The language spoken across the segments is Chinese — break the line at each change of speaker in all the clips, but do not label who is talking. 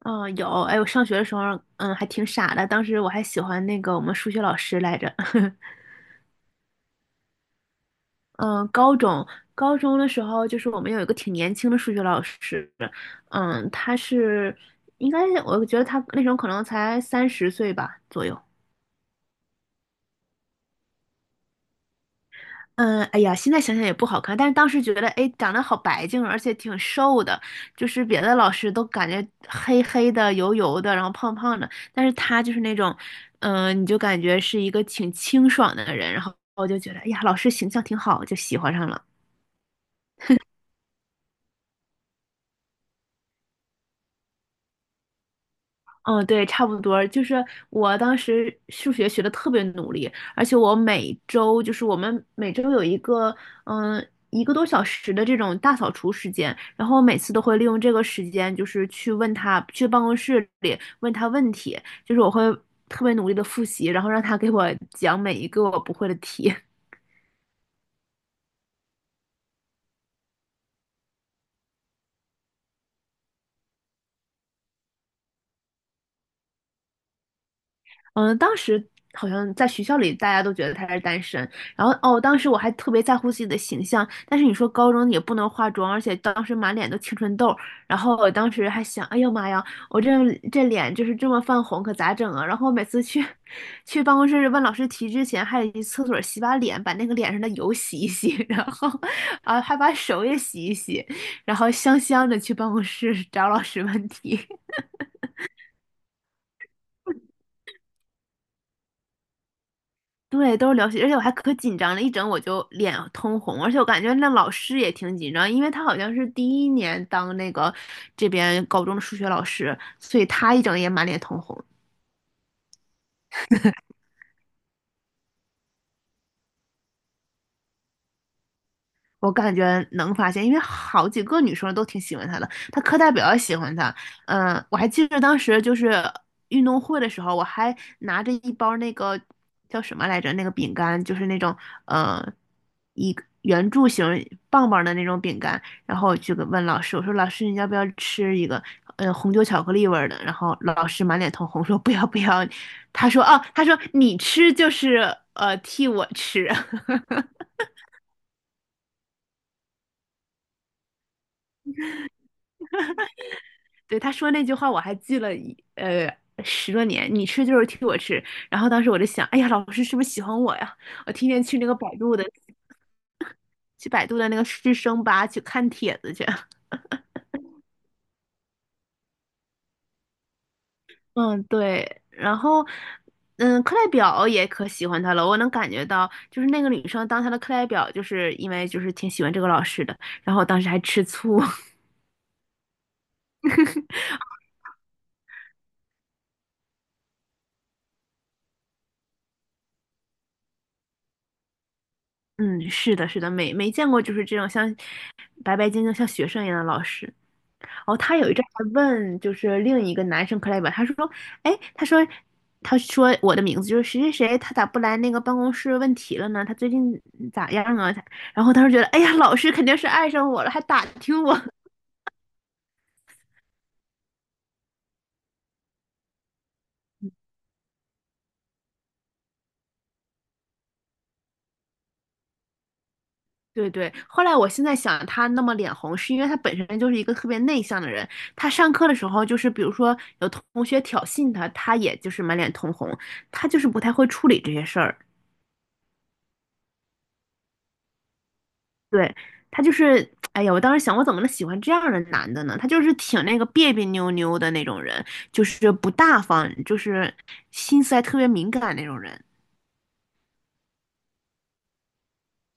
嗯，有，哎，我上学的时候，还挺傻的。当时我还喜欢那个我们数学老师来着。嗯，高中高中的时候，就是我们有一个挺年轻的数学老师，嗯，他是应该我觉得他那时候可能才30岁吧左右。嗯，哎呀，现在想想也不好看，但是当时觉得，哎，长得好白净，而且挺瘦的，就是别的老师都感觉黑黑的、油油的，然后胖胖的，但是他就是那种，你就感觉是一个挺清爽的人，然后我就觉得，哎呀，老师形象挺好，就喜欢上了。嗯，对，差不多。就是我当时数学学的特别努力，而且我们每周有一个嗯一个多小时的这种大扫除时间，然后我每次都会利用这个时间，就是去问他，去办公室里问他问题，就是我会特别努力的复习，然后让他给我讲每一个我不会的题。嗯，当时好像在学校里大家都觉得他是单身，然后哦，当时我还特别在乎自己的形象，但是你说高中也不能化妆，而且当时满脸都青春痘，然后我当时还想，哎呦妈呀，我这脸就是这么泛红，可咋整啊？然后每次去办公室问老师题之前，还得去厕所洗把脸，把那个脸上的油洗一洗，然后啊还把手也洗一洗，然后香香的去办公室找老师问题。对，都是流血，而且我还可紧张了，一整我就脸通红，而且我感觉那老师也挺紧张，因为他好像是第一年当那个这边高中的数学老师，所以他一整也满脸通红。我感觉能发现，因为好几个女生都挺喜欢他的，他课代表也喜欢他。我还记得当时就是运动会的时候，我还拿着一包那个叫什么来着，那个饼干，就是那种呃一个圆柱形棒棒的那种饼干，然后我就给问老师，我说老师你要不要吃一个？红酒巧克力味儿的。然后老师满脸通红说不要不要，他说你吃就是替我吃。对，他说那句话我还记了10多年。你吃就是替我吃。然后当时我就想，哎呀，老师是不是喜欢我呀？我天天去那个百度的，去百度的那个师生吧去看帖子去。嗯，对。然后，课代表也可喜欢他了。我能感觉到，就是那个女生当他的课代表，就是因为挺喜欢这个老师的。然后我当时还吃醋。嗯，是的，是的，没见过就是这种像白白净净像学生一样的老师。哦，他有一阵还问，就是另一个男生 CLE 他说，哎，他说我的名字就是谁谁谁，他咋不来那个办公室问题了呢？他最近咋样啊？然后他说觉得，哎呀，老师肯定是爱上我了，还打听我。对对，后来我现在想，他那么脸红，是因为他本身就是一个特别内向的人。他上课的时候，就是比如说有同学挑衅他，他也就是满脸通红，他就是不太会处理这些事儿。对，他就是，哎呀，我当时想，我怎么能喜欢这样的男的呢？他就是挺那个别别扭扭的那种人，就是不大方，就是心思还特别敏感那种人。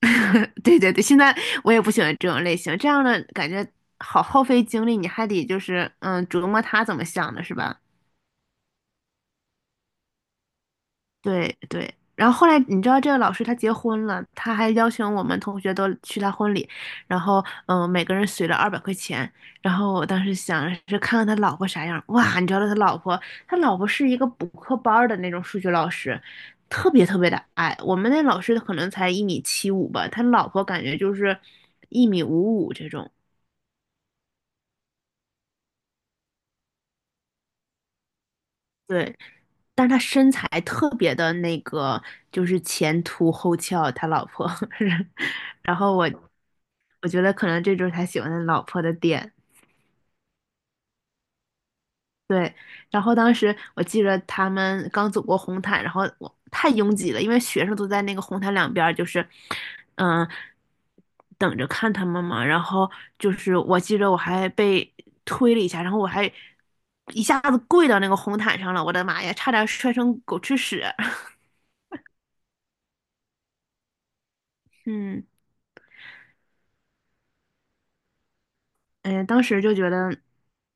对对对，现在我也不喜欢这种类型，这样的感觉好耗费精力，你还得就是琢磨他怎么想的，是吧？对对，然后后来你知道这个老师他结婚了，他还邀请我们同学都去他婚礼，然后每个人随了200块钱，然后我当时想着是看看他老婆啥样，哇，你知道他老婆是一个补课班儿的那种数学老师，特别特别的矮，我们那老师可能才1.75米吧，他老婆感觉就是1.55米这种，对，但是他身材特别的那个，就是前凸后翘，他老婆，然后我觉得可能这就是他喜欢的老婆的点，对。然后当时我记着他们刚走过红毯，然后我太拥挤了，因为学生都在那个红毯两边儿，就是嗯、等着看他们嘛。然后就是我记着我还被推了一下，然后我还一下子跪到那个红毯上了，我的妈呀，差点摔成狗吃屎。嗯。嗯，当时就觉得，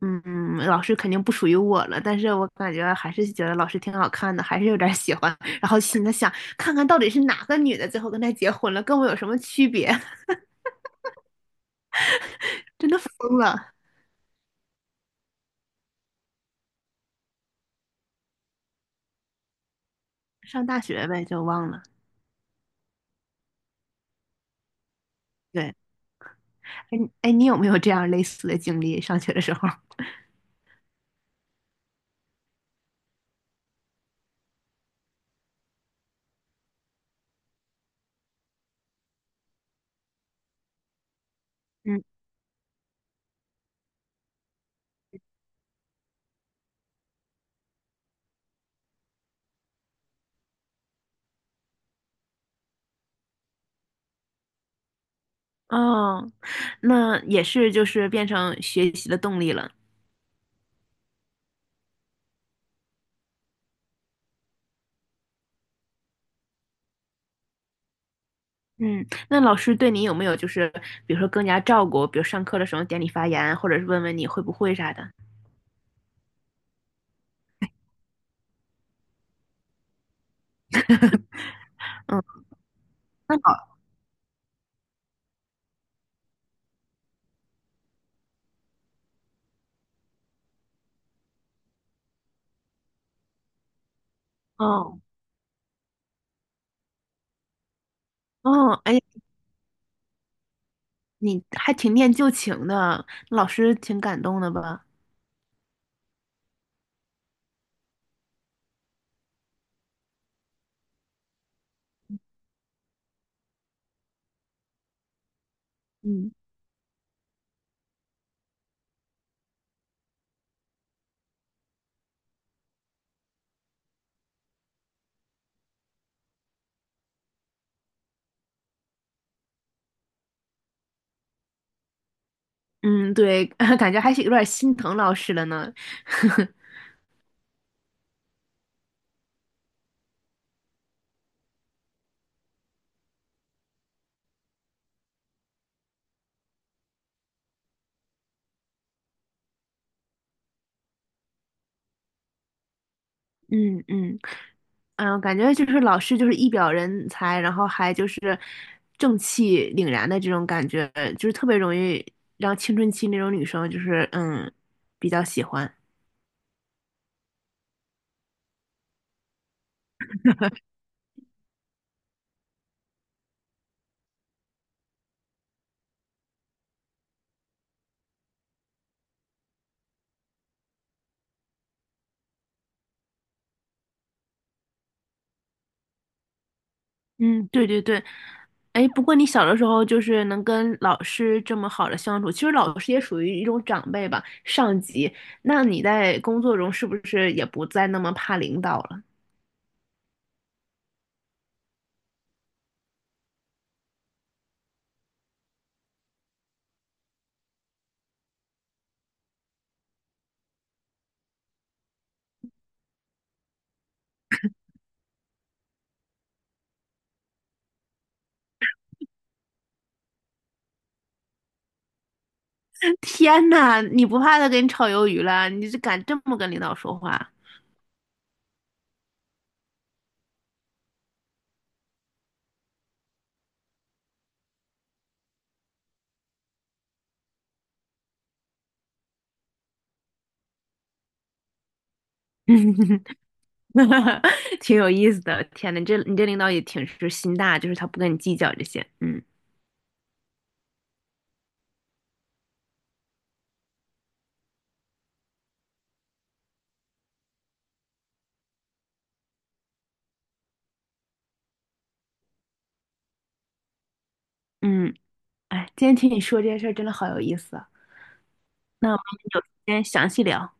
老师肯定不属于我了，但是我感觉还是觉得老师挺好看的，还是有点喜欢。然后心里想，看看到底是哪个女的最后跟他结婚了，跟我有什么区别？真的疯了。上大学呗，就忘了。对，哎哎，你有没有这样类似的经历？上学的时候？嗯，哦，那也是，就是变成学习的动力了。嗯，那老师对你有没有就是，比如说更加照顾，比如上课的时候点你发言，或者是问问你会不会啥的？嗯。那好，哦哦，哎，你还挺念旧情的，老师挺感动的吧？嗯嗯，对，感觉还是有点心疼老师了呢。嗯嗯嗯，感觉就是老师就是一表人才，然后还就是正气凛然的这种感觉，就是特别容易让青春期那种女生就是比较喜欢。嗯，对对对，哎，不过你小的时候就是能跟老师这么好的相处，其实老师也属于一种长辈吧，上级。那你在工作中是不是也不再那么怕领导了？天呐，你不怕他给你炒鱿鱼了？你就敢这么跟领导说话？挺有意思的。天呐，你这领导也挺是心大，就是他不跟你计较这些。嗯嗯，哎，今天听你说这些事儿真的好有意思啊。那我们有时间详细聊。